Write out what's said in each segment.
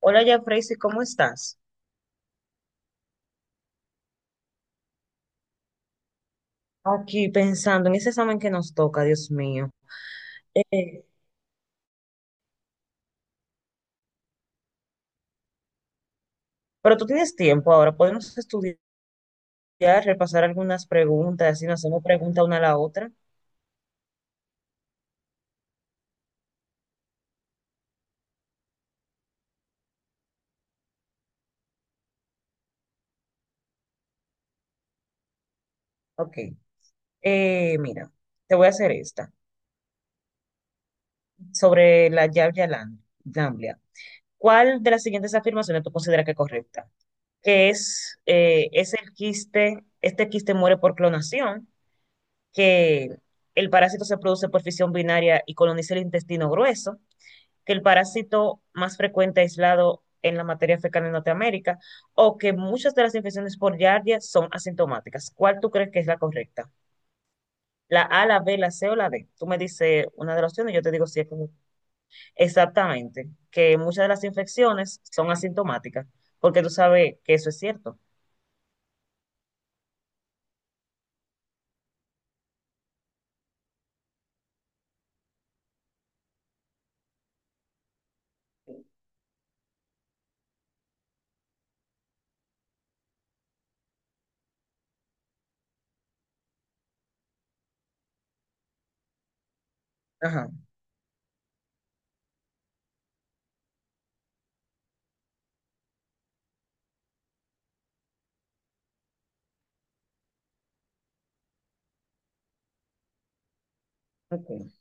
Hola, ya Freysi, ¿cómo estás? Aquí pensando en ese examen que nos toca, Dios mío. Eh, pero tú tienes tiempo ahora, podemos estudiar, repasar algunas preguntas, así nos hacemos pregunta una a la otra. Ok. Mira, te voy a hacer esta sobre la Lamblia. ¿Cuál de las siguientes afirmaciones tú consideras que es correcta? Que es el quiste, este quiste muere por clonación, que el parásito se produce por fisión binaria y coloniza el intestino grueso, que el parásito más frecuente aislado en la materia fecal en Norteamérica, o que muchas de las infecciones por Giardia son asintomáticas. ¿Cuál tú crees que es la correcta? ¿La A, la B, la C o la D? Tú me dices una de las opciones, y yo te digo si es correcta. Exactamente, que muchas de las infecciones son asintomáticas, porque tú sabes que eso es cierto. Ajá. Ok.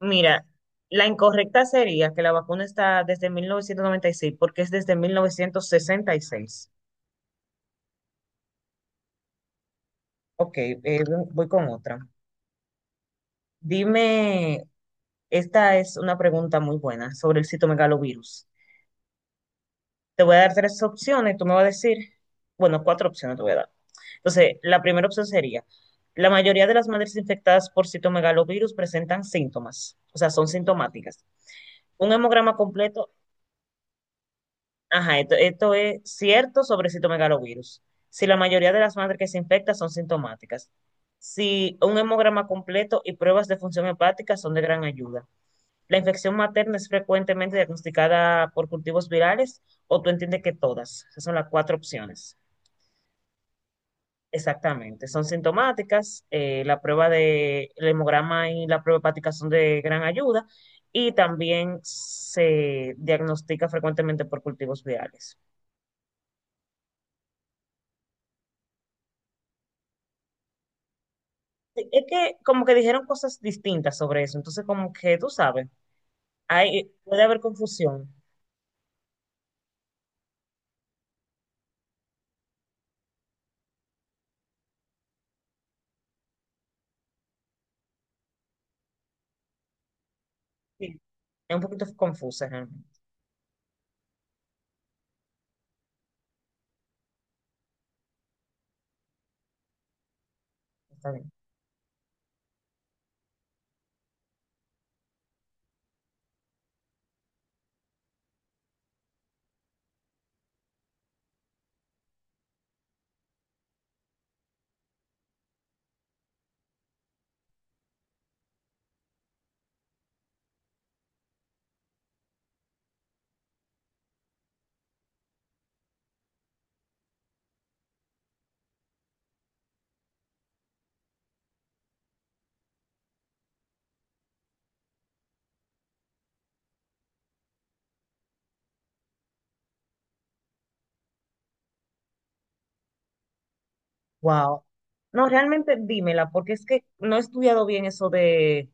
Mira, la incorrecta sería que la vacuna está desde 1996, porque es desde 1966. Ok, voy con otra. Dime, esta es una pregunta muy buena sobre el citomegalovirus. Te voy a dar tres opciones, tú me vas a decir, bueno, cuatro opciones te voy a dar. Entonces, la primera opción sería, la mayoría de las madres infectadas por citomegalovirus presentan síntomas, o sea, son sintomáticas. Un hemograma completo, ajá, esto es cierto sobre citomegalovirus. Si la mayoría de las madres que se infectan son sintomáticas. Si un hemograma completo y pruebas de función hepática son de gran ayuda. ¿La infección materna es frecuentemente diagnosticada por cultivos virales o tú entiendes que todas? Esas son las cuatro opciones. Exactamente, son sintomáticas. La prueba de el hemograma y la prueba hepática son de gran ayuda y también se diagnostica frecuentemente por cultivos virales. Sí. Es que como que dijeron cosas distintas sobre eso, entonces como que tú sabes, hay, puede haber confusión. Sí. Es un poquito confusa realmente. Está bien. Wow. No, realmente dímela, porque es que no he estudiado bien eso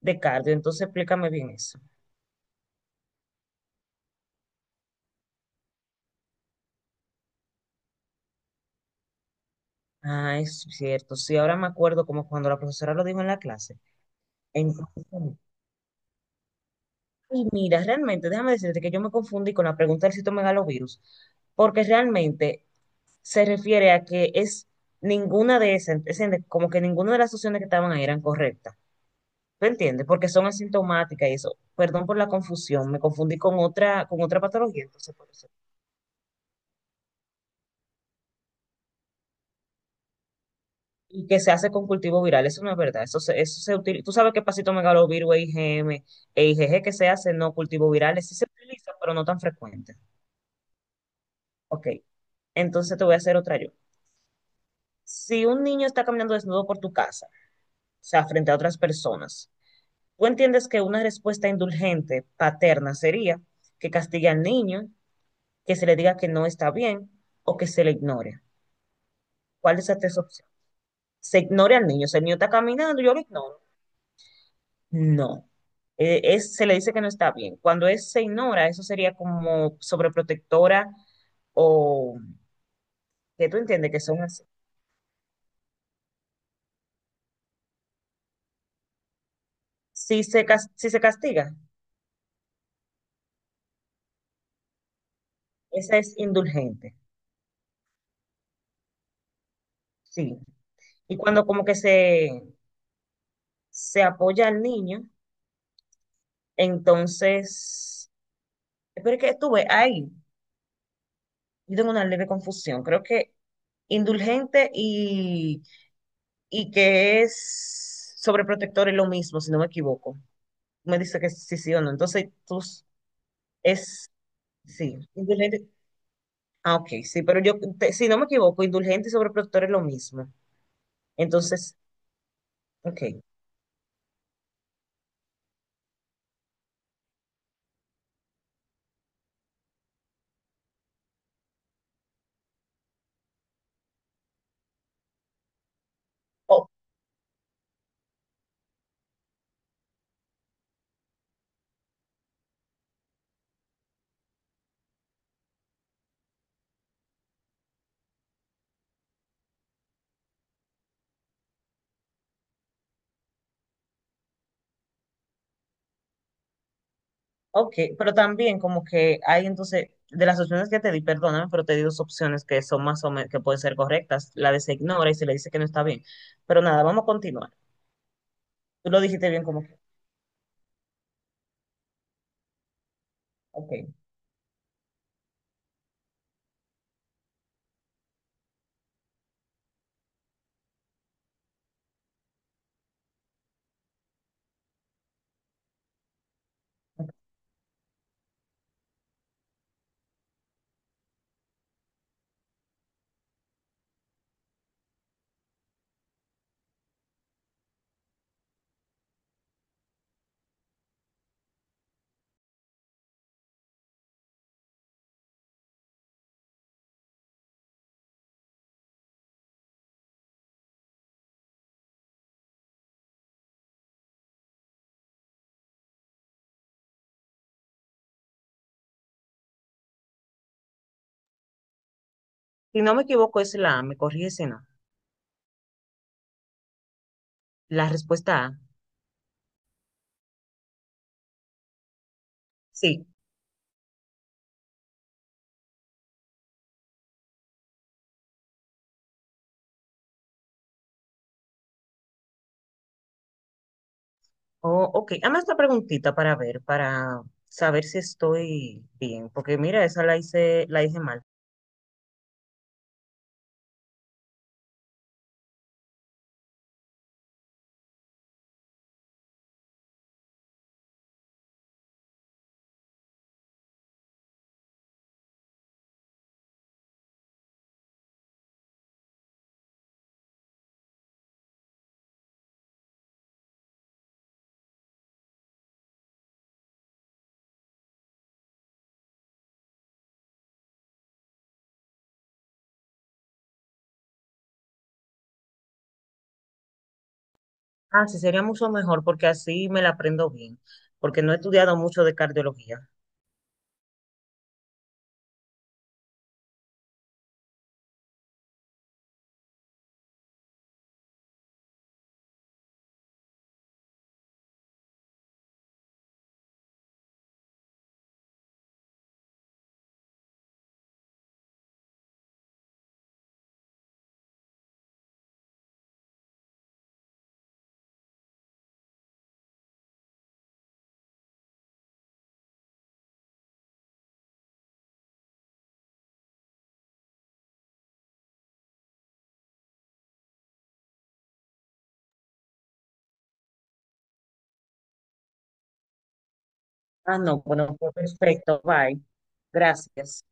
de cardio, entonces explícame bien eso. Ah, es cierto. Sí, ahora me acuerdo como cuando la profesora lo dijo en la clase. Entonces, y mira, realmente, déjame decirte que yo me confundí con la pregunta del citomegalovirus, porque realmente se refiere a que es ninguna de esas, es como que ninguna de las opciones que estaban ahí eran correctas. ¿Me entiendes? Porque son asintomáticas y eso. Perdón por la confusión, me confundí con otra patología, entonces por eso. Y que se hace con cultivo viral. Eso no es verdad. Eso se utiliza. Tú sabes que pasito megalovirus, IgM e IgG, que se hace no cultivo virales. Sí se utiliza, pero no tan frecuente. Ok. Entonces te voy a hacer otra yo. Si un niño está caminando desnudo por tu casa, o sea, frente a otras personas, tú entiendes que una respuesta indulgente, paterna, sería que castigue al niño, que se le diga que no está bien o que se le ignore. ¿Cuál de esas tres opciones? Se ignore al niño. O sea, el niño está caminando, yo lo ignoro. No. Se le dice que no está bien. Cuando es se ignora, eso sería como sobreprotectora, o que tú entiendes que son así. Si se, si se castiga, esa es indulgente, sí. Y cuando como que se apoya al niño, entonces, pero es que estuve ahí, yo tengo una leve confusión. Creo que indulgente y que es sobreprotector es lo mismo, si no me equivoco. Me dice que sí, sí o no. Entonces, tú es, sí, indulgente. Ah, ok, sí, pero yo, si no me equivoco, indulgente y sobreprotector es lo mismo. Entonces, ok. O- ok, pero también como que hay entonces, de las opciones que te di, perdóname, pero te di dos opciones que son más o menos, que pueden ser correctas. La de se ignora y se le dice que no está bien. Pero nada, vamos a continuar. Tú lo dijiste bien como que, ok. Si no me equivoco, es la A, me corrige si no. La respuesta A, sí. Oh, ok, hazme esta preguntita para ver, para saber si estoy bien, porque mira, esa la hice mal. Ah, sí, sería mucho mejor porque así me la aprendo bien, porque no he estudiado mucho de cardiología. Ah, no, bueno, pues, perfecto, bye. Gracias.